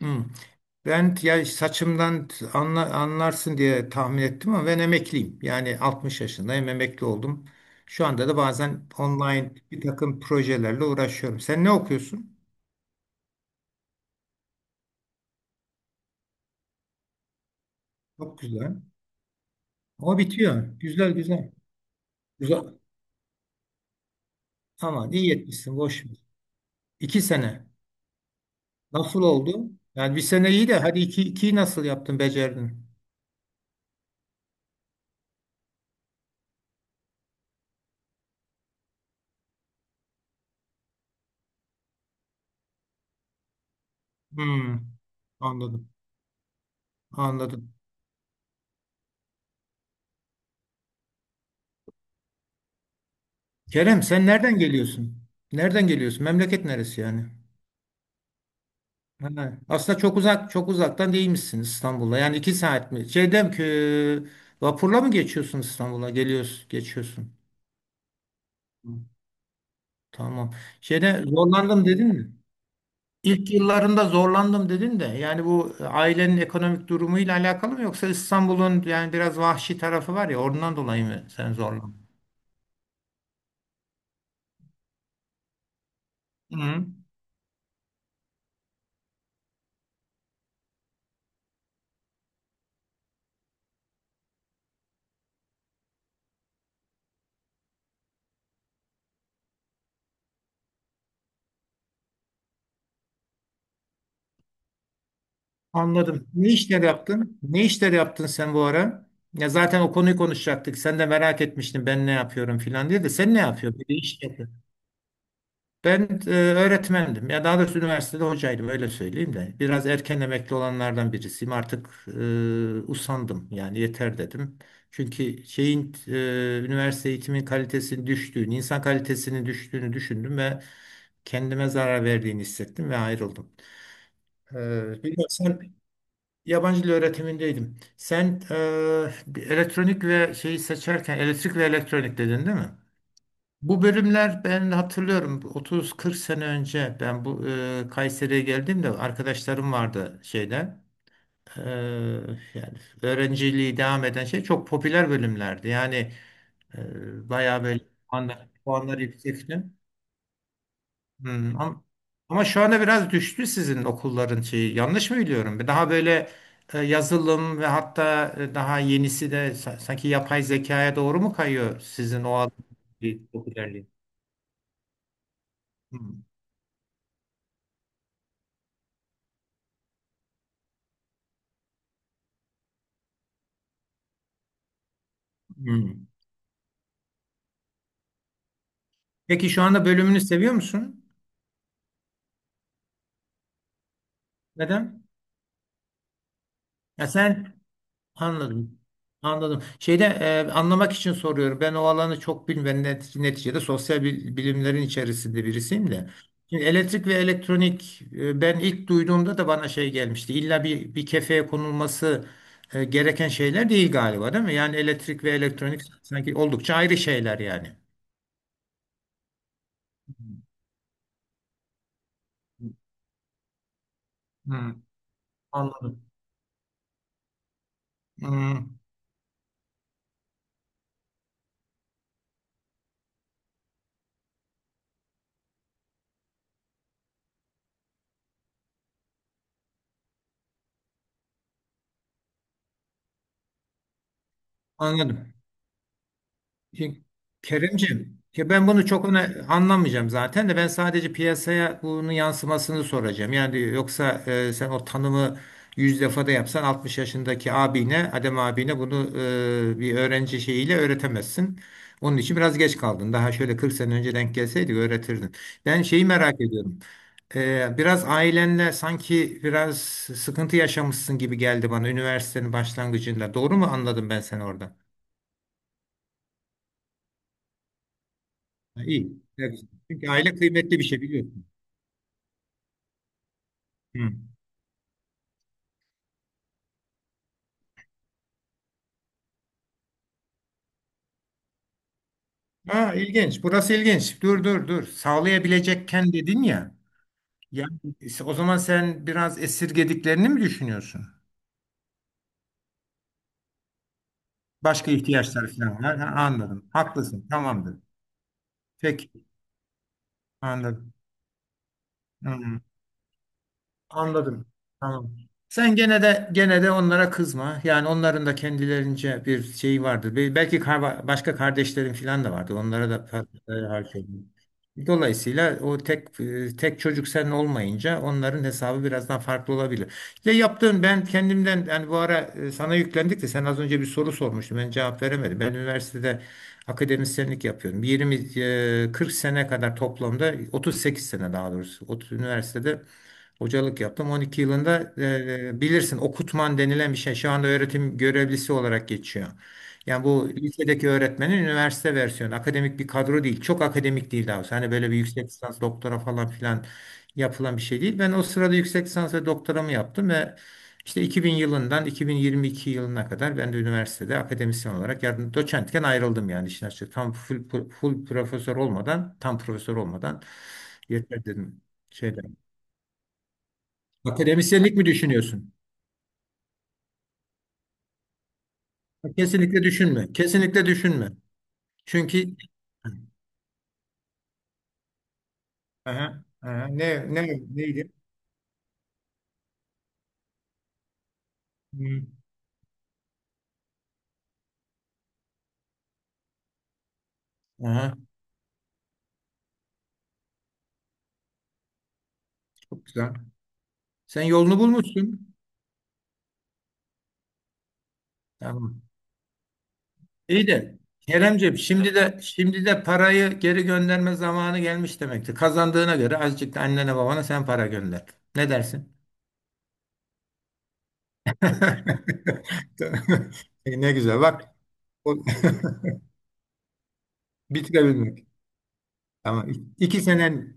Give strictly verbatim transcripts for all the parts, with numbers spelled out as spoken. Hmm. Ben ya saçımdan anla- anlarsın diye tahmin ettim ama ben emekliyim. Yani altmış yaşındayım, emekli oldum. Şu anda da bazen online bir takım projelerle uğraşıyorum. Sen ne okuyorsun? Çok güzel. Ama bitiyor. Güzel güzel. Güzel. Aman iyi etmişsin. Boş ver. İki sene. Nasıl oldu? Yani bir sene iyi de hadi iki, ikiyi nasıl yaptın, becerdin? Hmm. Anladım. Anladım. Kerem, sen nereden geliyorsun? Nereden geliyorsun? Memleket neresi yani? Ha, aslında çok uzak çok uzaktan değilmişsiniz İstanbul'a. Yani iki saat mi? Şeyden ki vapurla mı geçiyorsun İstanbul'a? Geliyorsun, geçiyorsun. Hı, tamam. Şeyde zorlandım dedin mi? İlk yıllarında zorlandım dedin de yani bu ailenin ekonomik durumuyla alakalı mı yoksa İstanbul'un yani biraz vahşi tarafı var ya ondan dolayı mı sen zorlandın? Hı, anladım. Ne işler yaptın? Ne işler yaptın sen bu ara? Ya zaten o konuyu konuşacaktık. Sen de merak etmiştin ben ne yapıyorum filan diye de sen ne yapıyorsun? Bir de iş yapıyorsun. Ben e, öğretmendim. Ya daha doğrusu üniversitede hocaydım öyle söyleyeyim de. Biraz erken emekli olanlardan birisiyim. Artık e, usandım yani yeter dedim. Çünkü şeyin e, üniversite eğitimin kalitesinin düştüğünü, insan kalitesinin düştüğünü düşündüm ve kendime zarar verdiğini hissettim ve ayrıldım. E, bilmiyorum, sen yabancı dil öğretimindeydim. Sen e, elektronik ve şeyi seçerken elektrik ve elektronik dedin değil mi? Bu bölümler ben hatırlıyorum otuz kırk sene önce ben bu e, Kayseri'ye geldiğimde arkadaşlarım vardı şeyden e, yani öğrenciliği devam eden şey çok popüler bölümlerdi. Yani e, bayağı böyle puanlar, puanlar yüksekti. Hmm, ama, ama şu anda biraz düştü sizin okulların şeyi. Yanlış mı biliyorum? Daha böyle e, yazılım ve hatta e, daha yenisi de sa- sanki yapay zekaya doğru mu kayıyor sizin o alan- bir popülerliği? Hmm. Hmm. Peki şu anda bölümünü seviyor musun? Neden? Ya sen anladım. Anladım. Şeyde e, anlamak için soruyorum. Ben o alanı çok bilmem. Net- Neticede sosyal bil- bilimlerin içerisinde birisiyim de. Şimdi elektrik ve elektronik e, ben ilk duyduğumda da bana şey gelmişti. İlla bir bir kefeye konulması e, gereken şeyler değil galiba, değil mi? Yani elektrik ve elektronik sanki oldukça ayrı şeyler yani. Hmm, anladım. Hmm, anladım. Ya Kerimcim, ya ben bunu çok öne anlamayacağım zaten de ben sadece piyasaya bunun yansımasını soracağım. Yani yoksa e, sen o tanımı yüz defa da yapsan altmış yaşındaki abine, Adem abine bunu e, bir öğrenci şeyiyle öğretemezsin. Onun için biraz geç kaldın. Daha şöyle kırk sene önce denk gelseydi öğretirdin. Ben şeyi merak ediyorum. E, biraz ailenle sanki biraz sıkıntı yaşamışsın gibi geldi bana üniversitenin başlangıcında. Doğru mu anladım ben seni orada? Ha, iyi. Ne güzel. Çünkü aile kıymetli bir şey biliyorsun. Hı. Ha, ilginç. Burası ilginç. Dur dur dur. Sağlayabilecekken dedin ya. Ya o zaman sen biraz esirgediklerini mi düşünüyorsun? Başka ihtiyaçlar falan var. Ha, anladım. Haklısın. Tamamdır. Peki. Anladım. Hı. Anladım. Tamam. Sen gene de gene de onlara kızma. Yani onların da kendilerince bir şeyi vardır. Be- Belki kar- başka kardeşlerin falan da vardı. Onlara da para harcayın. Dolayısıyla o tek e, tek çocuk sen olmayınca onların hesabı biraz daha farklı olabilir. Ya yaptığın ben kendimden yani bu ara e, sana yüklendik de sen az önce bir soru sormuştun. Ben cevap veremedim. Ben üniversitede akademisyenlik yapıyorum. Yirmi e, kırk sene kadar toplamda otuz sekiz sene daha doğrusu. Ot- Üniversitede hocalık yaptım. On iki yılında e, bilirsin okutman denilen bir şey şu anda öğretim görevlisi olarak geçiyor. Yani bu lisedeki öğretmenin üniversite versiyonu. Akademik bir kadro değil. Çok akademik değil daha doğrusu. Hani böyle bir yüksek lisans doktora falan filan yapılan bir şey değil. Ben o sırada yüksek lisans ve doktoramı yaptım ve işte iki bin yılından iki bin yirmi iki yılına kadar ben de üniversitede akademisyen olarak yardım doçentken ayrıldım yani işin açığı. Tam full, full profesör olmadan, tam profesör olmadan yeter dedim. Şeyden. Akademisyenlik mi düşünüyorsun? Kesinlikle düşünme. Kesinlikle düşünme. Çünkü. Aha, aha. Ne, ne, neydi? Hı, aha, çok güzel. Sen yolunu bulmuşsun. Tamam. İyi de Keremciğim şimdi de şimdi de parayı geri gönderme zamanı gelmiş demektir. Kazandığına göre azıcık da annene babana sen para gönder. Ne dersin? E, ne güzel bak. o- Bitirebilmek. Tamam. İki senen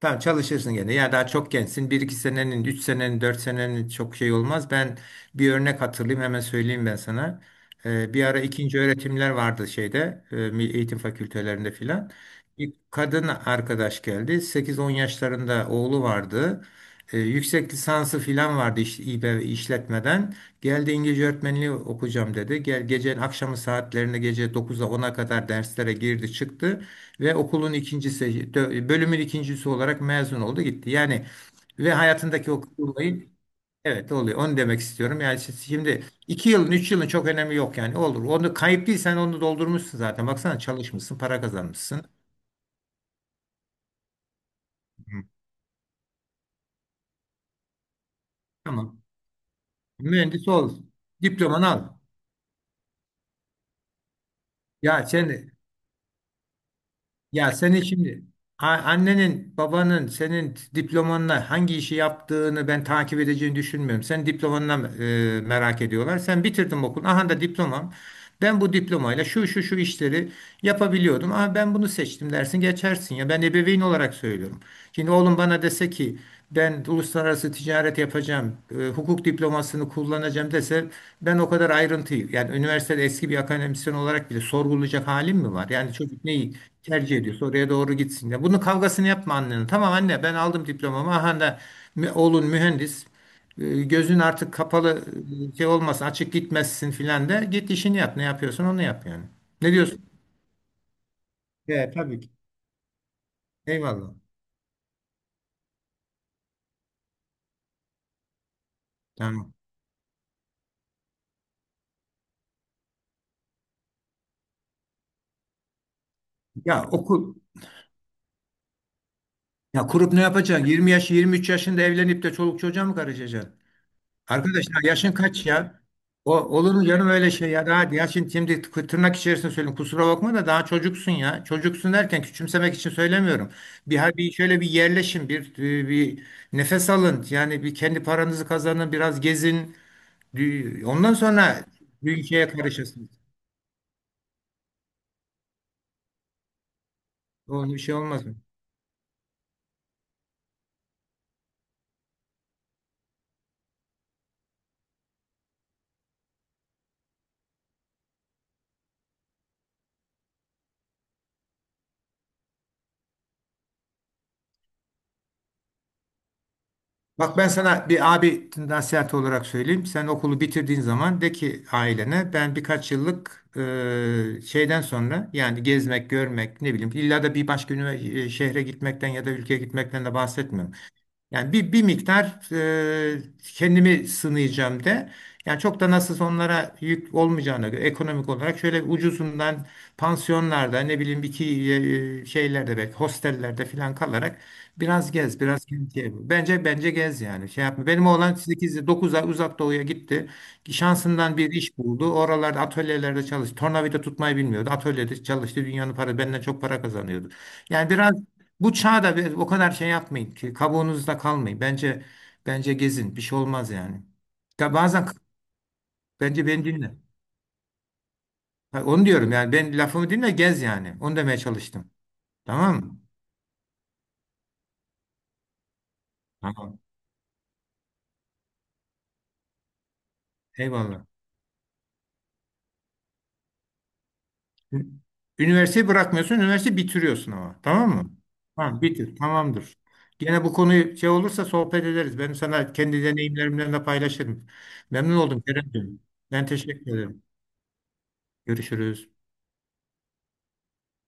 Tamam çalışırsın gene. Ya daha çok gençsin. Bir iki senenin, üç senenin, dört senenin çok şey olmaz. Ben bir örnek hatırlayayım hemen söyleyeyim ben sana. Ee, bir ara ikinci öğretimler vardı şeyde e, Milli eğitim fakültelerinde filan. Bir kadın arkadaş geldi. Sekiz on yaşlarında oğlu vardı. Ee, yüksek lisansı filan vardı iş, İBB işletmeden. Geldi İngilizce öğretmenliği okuyacağım dedi. Gel gecenin akşamı saatlerinde gece dokuz'a ona kadar derslere girdi çıktı ve okulun ikincisi, dö- bölümün ikincisi olarak mezun oldu gitti. Yani ve hayatındaki o kısır olayı evet oluyor. Onu demek istiyorum. Yani şi- şimdi iki yılın, üç yılın çok önemi yok yani. Olur. Onu kayıp değil, sen onu doldurmuşsun zaten. Baksana çalışmışsın, para kazanmışsın. Hı. Tamam. Mühendis ol. Diplomanı al. Ya sen Ya seni şimdi a- annenin, babanın senin diplomanla hangi işi yaptığını ben takip edeceğini düşünmüyorum. Sen diplomanla e, merak ediyorlar. Sen bitirdin okul. Aha da diplomam. Ben bu diplomayla şu şu şu işleri yapabiliyordum. Ama ben bunu seçtim dersin geçersin ya. Ben ebeveyn olarak söylüyorum. Şimdi oğlum bana dese ki ben uluslararası ticaret yapacağım, e, hukuk diplomasını kullanacağım dese ben o kadar ayrıntıyı yani üniversitede eski bir akademisyen olarak bile sorgulayacak halim mi var? Yani çocuk neyi tercih ediyorsa oraya doğru gitsin. Ya bunun kavgasını yapma annenin. Tamam anne ben aldım diplomamı. Aha da mü- oğlun mühendis. E, Gözün artık kapalı e, şey olmasın açık gitmezsin filan de git işini yap ne yapıyorsun onu yap yani. Ne diyorsun? He, tabii ki. Eyvallah. Tamam. Ya okul ya kurup ne yapacaksın? yirmi yaş yirmi üç yaşında evlenip de çoluk çocuğa mı karışacaksın? Arkadaşlar yaşın kaç ya? O, olur mu canım öyle şey ya? Daha ya şimdi, şimdi tı- tırnak içerisinde söylüyorum. Kusura bakma da daha çocuksun ya. Çocuksun derken küçümsemek için söylemiyorum. Bir, ha- bir şöyle bir yerleşin, bir, e, bir nefes alın. Yani bir kendi paranızı kazanın, biraz gezin. Dü- Ondan sonra bir şeye karışırsınız. Onun bir şey olmaz. Bak ben sana bir abi nasihat olarak söyleyeyim. Sen okulu bitirdiğin zaman de ki ailene ben birkaç yıllık e, şeyden sonra yani gezmek, görmek ne bileyim illa da bir başka ünive- e, şehre gitmekten ya da ülkeye gitmekten de bahsetmiyorum. Yani bir, bir miktar e, kendimi sınayacağım de. Yani çok da nasıl onlara yük olmayacağına göre ekonomik olarak şöyle ucuzundan pansiyonlarda ne bileyim iki e, e, şeylerde belki hostellerde falan kalarak biraz gez biraz kentiye vur. Bence bence gez yani şey yapma. Benim oğlan sekiz dokuz ay uzak doğuya gitti. Şansından bir iş buldu. Oralarda atölyelerde çalıştı. Tornavida tutmayı bilmiyordu. Atölyede çalıştı. Dünyanın para benden çok para kazanıyordu. Yani biraz bu çağda bir- o kadar şey yapmayın ki kabuğunuzda kalmayın. Bence bence gezin bir şey olmaz yani. Ya bazen bence beni dinle. Ha, onu diyorum yani ben lafımı dinle gez yani. Onu demeye çalıştım. Tamam mı? Tamam. Eyvallah. Ü- Üniversiteyi bırakmıyorsun, üniversiteyi bitiriyorsun ama. Tamam mı? Tamam, bitir. Tamamdır. Gene bu konuyu şey olursa sohbet ederiz. Ben sana kendi deneyimlerimden de paylaşırım. Memnun oldum Kerem'ciğim. Ben teşekkür ederim. Görüşürüz.